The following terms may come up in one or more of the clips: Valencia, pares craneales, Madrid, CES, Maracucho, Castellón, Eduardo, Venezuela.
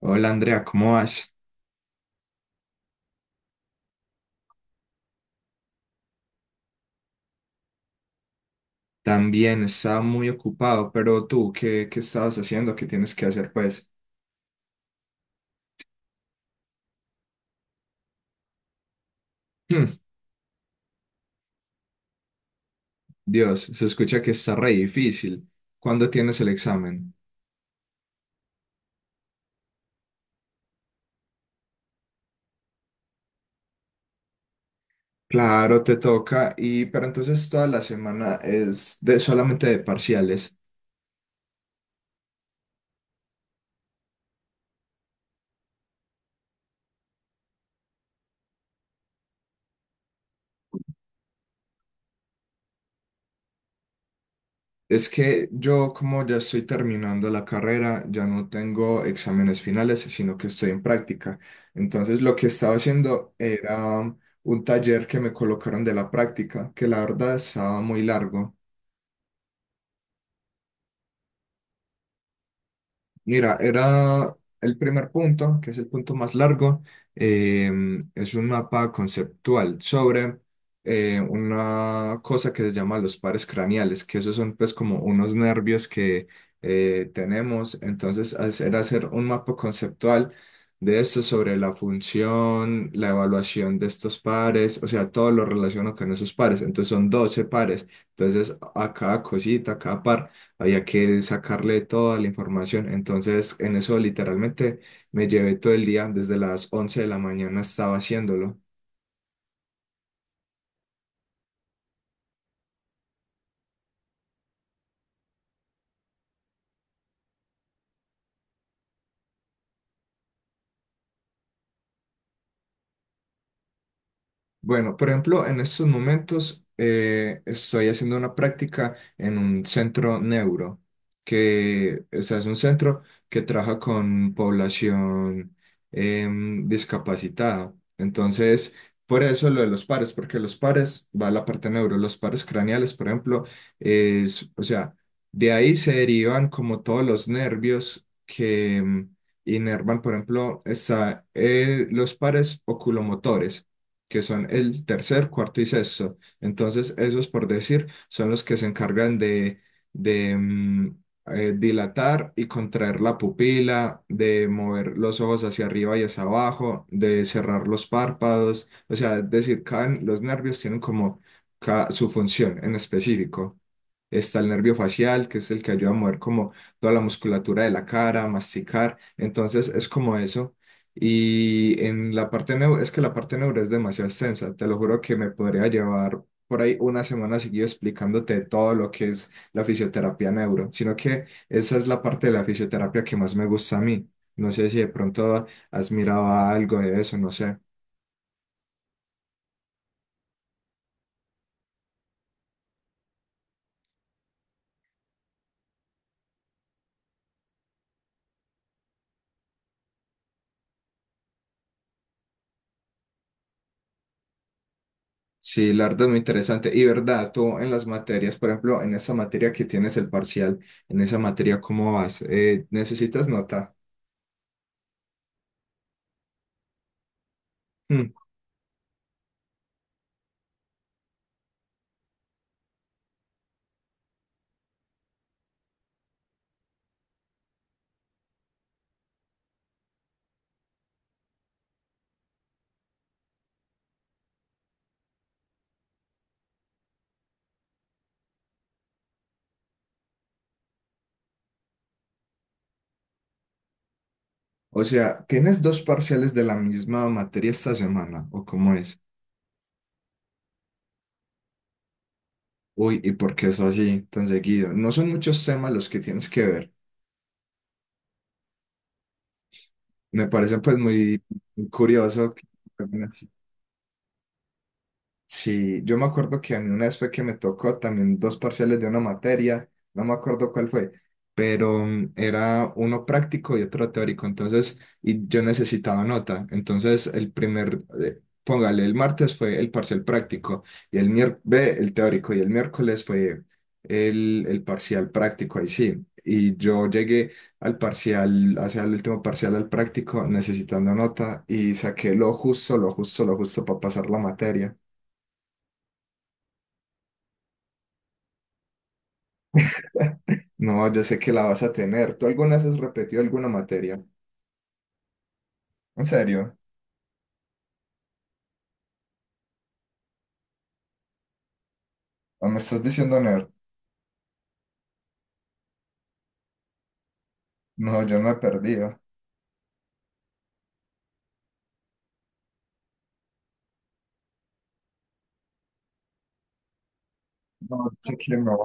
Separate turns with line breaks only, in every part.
Hola Andrea, ¿cómo vas? También estaba muy ocupado, pero tú, ¿qué estabas haciendo? ¿Qué tienes que hacer, pues? Hmm. Dios, se escucha que está re difícil. ¿Cuándo tienes el examen? Claro, te toca, y pero entonces toda la semana es de solamente de parciales. Es que yo, como ya estoy terminando la carrera, ya no tengo exámenes finales, sino que estoy en práctica. Entonces, lo que estaba haciendo era un taller que me colocaron de la práctica, que la verdad estaba muy largo. Mira, era el primer punto, que es el punto más largo. eh, es un mapa conceptual sobre una cosa que se llama los pares craneales, que esos son pues como unos nervios que tenemos. Entonces, era hacer un mapa conceptual de esto sobre la función, la evaluación de estos pares, o sea, todo lo relacionado con esos pares. Entonces, son 12 pares. Entonces, a cada cosita, a cada par había que sacarle toda la información. Entonces, en eso literalmente me llevé todo el día, desde las 11 de la mañana estaba haciéndolo. Bueno, por ejemplo, en estos momentos estoy haciendo una práctica en un centro neuro, que o sea, es un centro que trabaja con población discapacitada. Entonces, por eso lo de los pares, porque los pares va a la parte neuro, los pares craneales, por ejemplo, es, o sea, de ahí se derivan como todos los nervios que inervan, por ejemplo, está, los pares oculomotores que son el tercer, cuarto y sexto. Entonces, esos, por decir, son los que se encargan de, dilatar y contraer la pupila, de mover los ojos hacia arriba y hacia abajo, de cerrar los párpados. O sea, es decir, los nervios tienen como su función en específico. Está el nervio facial, que es el que ayuda a mover como toda la musculatura de la cara, masticar. Entonces es como eso. Y en la parte neuro, es que la parte neuro es demasiado extensa. Te lo juro que me podría llevar por ahí una semana seguida explicándote todo lo que es la fisioterapia neuro. Sino que esa es la parte de la fisioterapia que más me gusta a mí. No sé si de pronto has mirado algo de eso, no sé. Sí, la verdad es muy interesante. Y verdad, tú en las materias, por ejemplo, en esa materia que tienes el parcial, en esa materia, ¿cómo vas? ¿Eh, necesitas nota? Mm. O sea, ¿tienes dos parciales de la misma materia esta semana? ¿O cómo es? Uy, ¿y por qué eso así tan seguido? No son muchos temas los que tienes que ver. Me parece pues muy curioso. Sí, yo me acuerdo que a mí una vez fue que me tocó también dos parciales de una materia, no me acuerdo cuál fue, pero era uno práctico y otro teórico, entonces, y yo necesitaba nota, entonces el primer, póngale, el martes fue el parcial práctico y el miércoles, el teórico y el miércoles fue el parcial práctico, ahí sí, y yo llegué al parcial, hacia el último parcial al práctico necesitando nota y saqué lo justo, lo justo, lo justo para pasar la materia. No, yo sé que la vas a tener. ¿Tú alguna vez has repetido alguna materia? ¿En serio? ¿O me estás diciendo nerd? No, yo no he perdido. No, sé que no.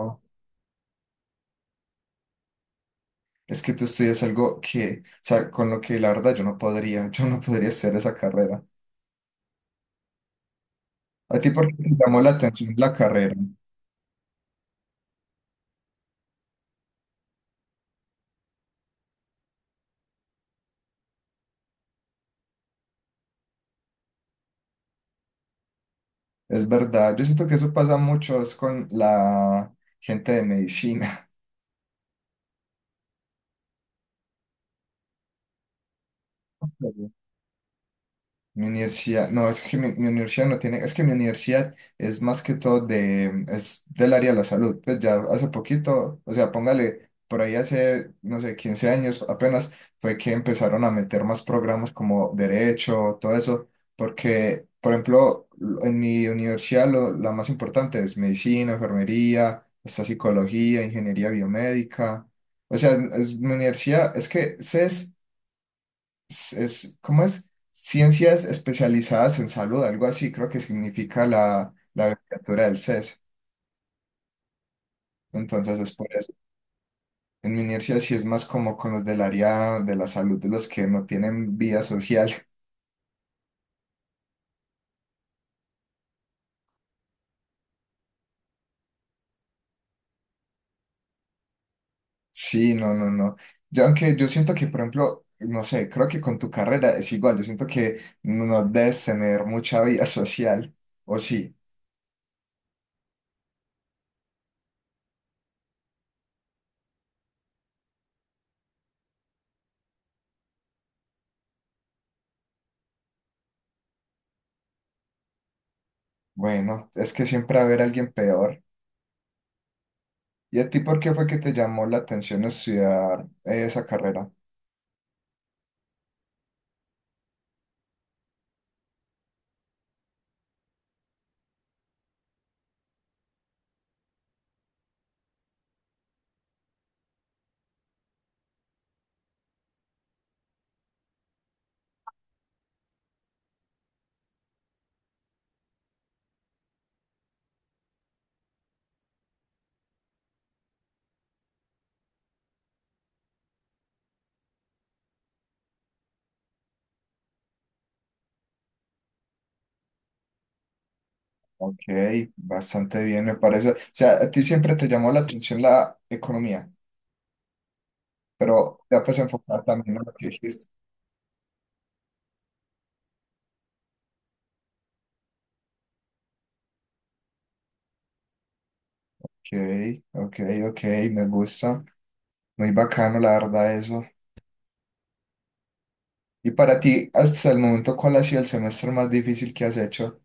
Es que tú estudias algo que, o sea, con lo que la verdad yo no podría hacer esa carrera. ¿A ti por qué te llamó la atención la carrera? Es verdad, yo siento que eso pasa mucho es con la gente de medicina. Mi universidad, no, es que mi universidad no tiene, es que mi universidad es más que todo de, es del área de la salud, pues ya hace poquito, o sea, póngale, por ahí hace, no sé, 15 años apenas fue que empezaron a meter más programas como derecho, todo eso, porque, por ejemplo, en mi universidad lo, la más importante es medicina, enfermería, hasta psicología, ingeniería biomédica, o sea, es, mi universidad, es que CES es, ¿cómo es? Ciencias especializadas en salud, algo así creo que significa la, la abreviatura del CES. Entonces es por eso. En mi universidad sí es más como con los del área de la salud, de los que no tienen vida social. Sí, no, no, no. Yo, aunque yo siento que, por ejemplo, no sé, creo que con tu carrera es igual. Yo siento que no debes tener mucha vida social. O sí, bueno, es que siempre va a haber alguien peor. ¿Y a ti por qué fue que te llamó la atención estudiar esa carrera? Ok, bastante bien, me parece. O sea, a ti siempre te llamó la atención la economía, pero ya pues enfocada también en lo que dijiste. Ok, ok, ok, me gusta. Muy bacano, la verdad, eso. Y para ti, hasta el momento, ¿cuál ha sido el semestre más difícil que has hecho?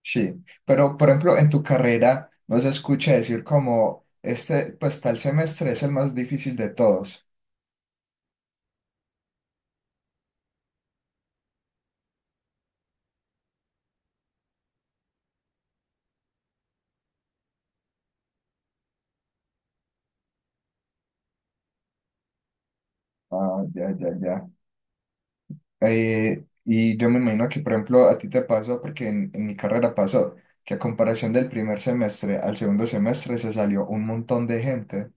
Sí, pero por ejemplo, en tu carrera no se escucha decir como, este, pues tal semestre es el más difícil de todos. Ah, ya, ya, ya. Y yo me imagino que, por ejemplo, a ti te pasó, porque en mi carrera pasó, que a comparación del primer semestre al segundo semestre se salió un montón de gente.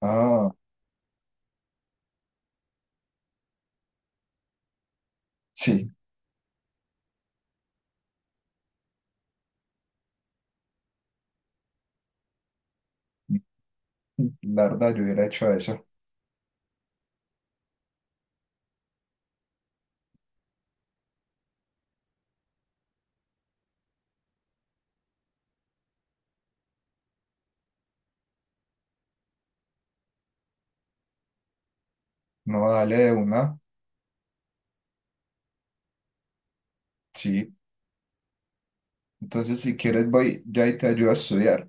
Ah, sí, la verdad, yo hubiera hecho eso. No, dale de una, sí. Entonces, si quieres, voy ya y te ayudo a estudiar.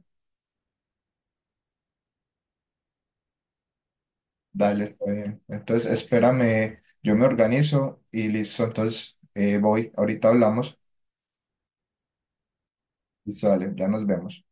Dale, está bien. Entonces, espérame, yo me organizo y listo. Entonces, voy, ahorita hablamos. Listo, dale, ya nos vemos.